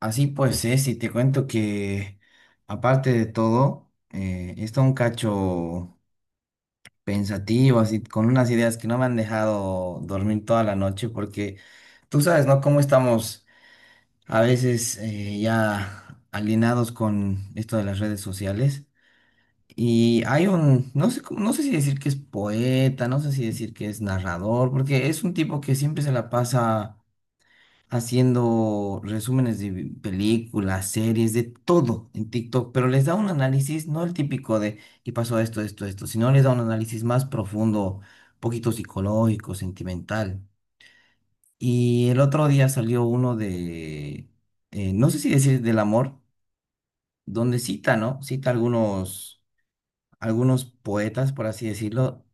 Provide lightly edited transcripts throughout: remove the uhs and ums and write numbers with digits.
Así pues es, y te cuento que aparte de todo, he estado un cacho pensativo, así con unas ideas que no me han dejado dormir toda la noche, porque tú sabes, ¿no? Cómo estamos a veces ya alienados con esto de las redes sociales. Y hay un, no sé, no sé si decir que es poeta, no sé si decir que es narrador, porque es un tipo que siempre se la pasa haciendo resúmenes de películas, series, de todo en TikTok, pero les da un análisis, no el típico de, y pasó esto, esto, esto, sino les da un análisis más profundo, poquito psicológico, sentimental. Y el otro día salió uno de, no sé si decir del amor, donde cita, ¿no? Cita algunos, algunos poetas, por así decirlo,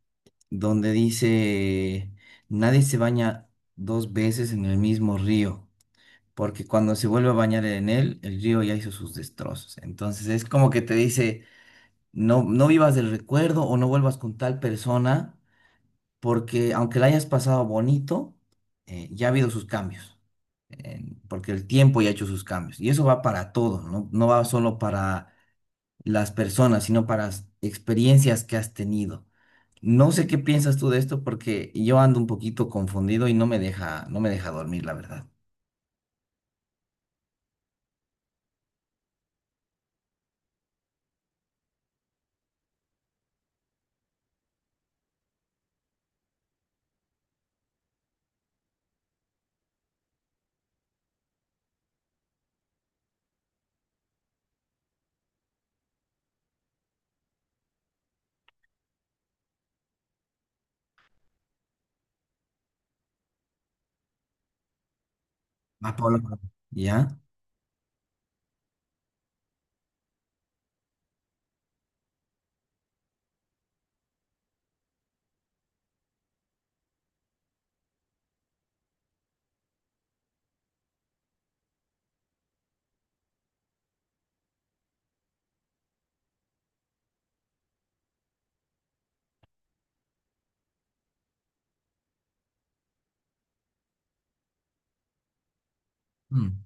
donde dice, nadie se baña dos veces en el mismo río porque cuando se vuelve a bañar en él, el río ya hizo sus destrozos. Entonces es como que te dice, no, no vivas del recuerdo o no vuelvas con tal persona, porque aunque la hayas pasado bonito, ya ha habido sus cambios, porque el tiempo ya ha hecho sus cambios. Y eso va para todo, ¿no? No va solo para las personas, sino para las experiencias que has tenido. No sé qué piensas tú de esto porque yo ando un poquito confundido y no me deja dormir, la verdad. Va, Pablo. ¿Ya? Mm.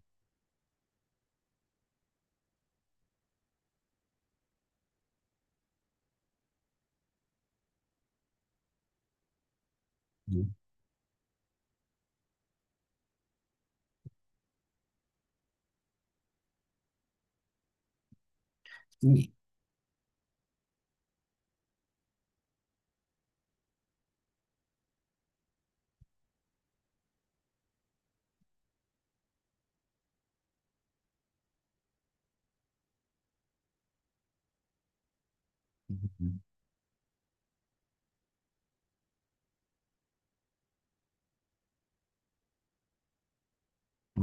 Y-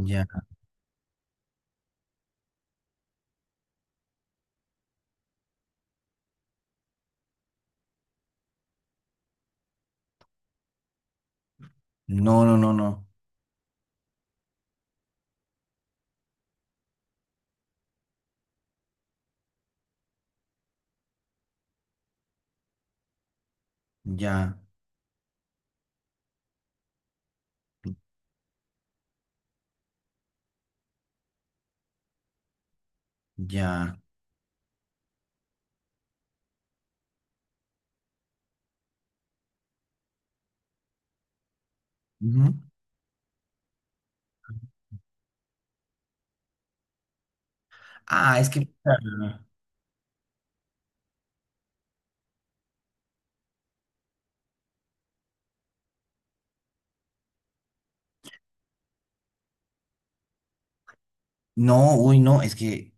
Ya. No, no, no, no. Ya, ya. Ujú. Ah, es que... ah, no, uy, no, es que...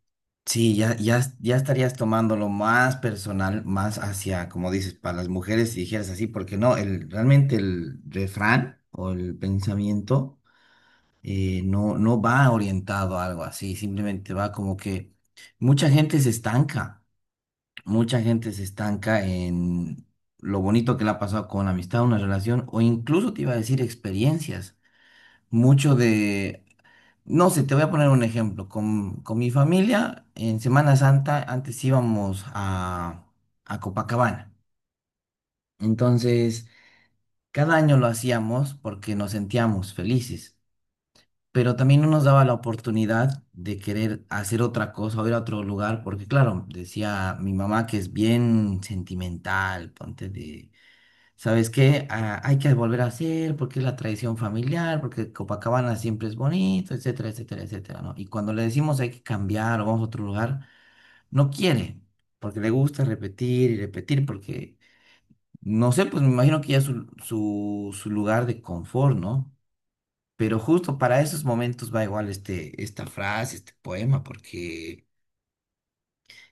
Sí, ya, ya, ya estarías tomándolo más personal, más hacia, como dices, para las mujeres, si dijeras así, porque no, el, realmente el refrán o el pensamiento no, no va orientado a algo así, simplemente va como que mucha gente se estanca. Mucha gente se estanca en lo bonito que le ha pasado con amistad, una relación, o incluso te iba a decir experiencias. Mucho de, no sé, te voy a poner un ejemplo. Con mi familia, en Semana Santa, antes íbamos a Copacabana. Entonces, cada año lo hacíamos porque nos sentíamos felices pero también no nos daba la oportunidad de querer hacer otra cosa o ir a otro lugar, porque claro, decía mi mamá que es bien sentimental, ponte de, ¿sabes qué? Ah, hay que volver a hacer porque es la tradición familiar, porque Copacabana siempre es bonito, etcétera, etcétera, etcétera, ¿no? Y cuando le decimos hay que cambiar o vamos a otro lugar, no quiere, porque le gusta repetir y repetir, porque, no sé, pues me imagino que ya es su lugar de confort, ¿no? Pero justo para esos momentos va igual este, esta frase, este poema, porque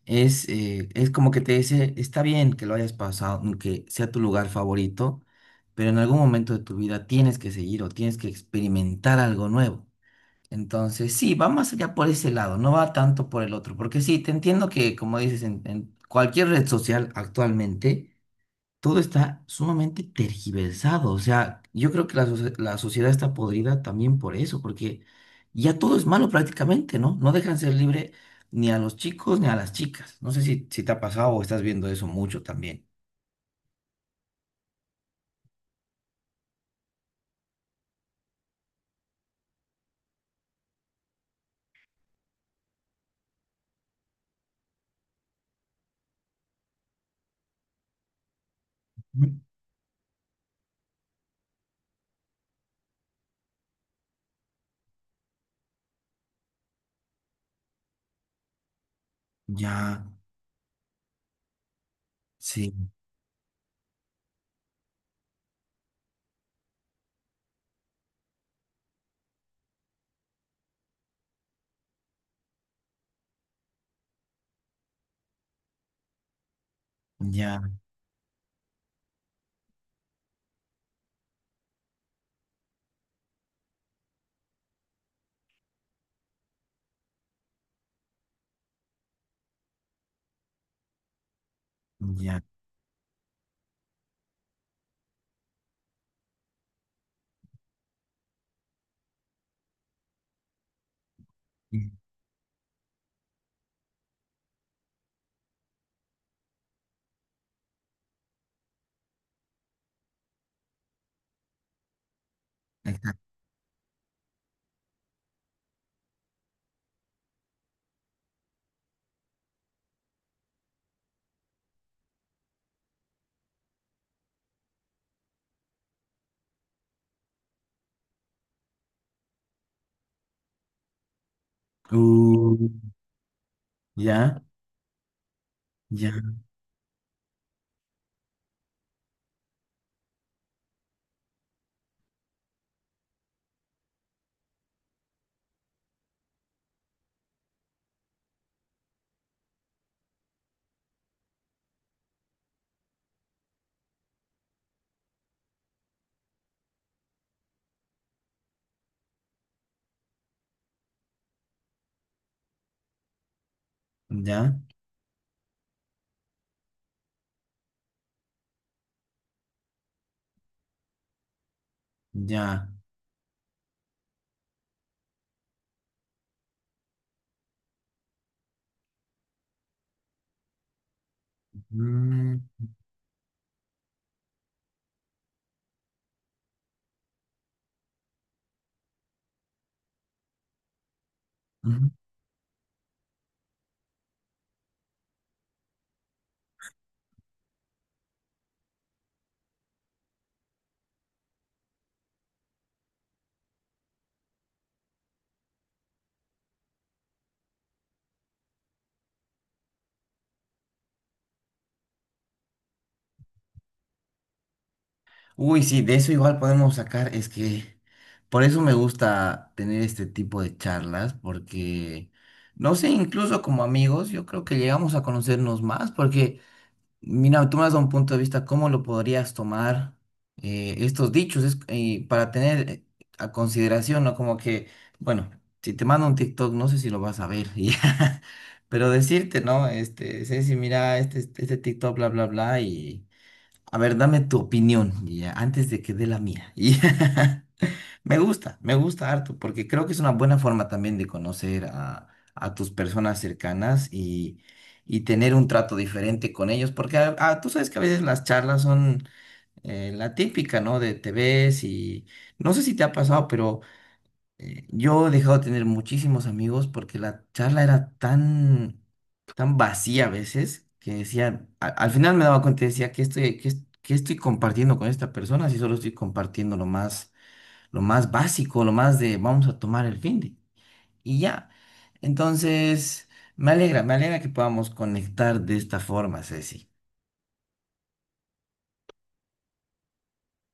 es como que te dice, está bien que lo hayas pasado, mm, que sea tu lugar favorito, pero en algún momento de tu vida tienes que seguir o tienes que experimentar algo nuevo. Entonces, sí, va más allá por ese lado, no va tanto por el otro, porque sí, te entiendo que, como dices, en cualquier red social actualmente, todo está sumamente tergiversado. O sea, yo creo que la, la sociedad está podrida también por eso, porque ya todo es malo prácticamente, ¿no? No dejan ser libre ni a los chicos ni a las chicas. No sé si te ha pasado o estás viendo eso mucho también. Ujú. Ya, sí, ya, ya. Mm. Uh, ya, ya, ya, ya. Mm. Uy, sí, de eso igual podemos sacar, es que por eso me gusta tener este tipo de charlas, porque, no sé, incluso como amigos, yo creo que llegamos a conocernos más, porque, mira, tú me has dado un punto de vista, ¿cómo lo podrías tomar estos dichos? Es, para tener a consideración, ¿no? Como que, bueno, si te mando un TikTok, no sé si lo vas a ver, y ya, pero decirte, ¿no? Este, Ceci, mira, este TikTok, bla, bla, bla, y... A ver, dame tu opinión y ya, antes de que dé la mía. Y me gusta, me gusta harto, porque creo que es una buena forma también de conocer a tus personas cercanas y tener un trato diferente con ellos, porque tú sabes que a veces las charlas son la típica, ¿no? De te ves y no sé si te ha pasado, yo he dejado de tener muchísimos amigos porque la charla era tan, tan vacía a veces que decía al final me daba cuenta y decía, ¿qué estoy, qué, qué estoy compartiendo con esta persona si solo estoy compartiendo lo más básico, lo más de vamos a tomar el fin de y ya. Entonces, me alegra que podamos conectar de esta forma, Ceci.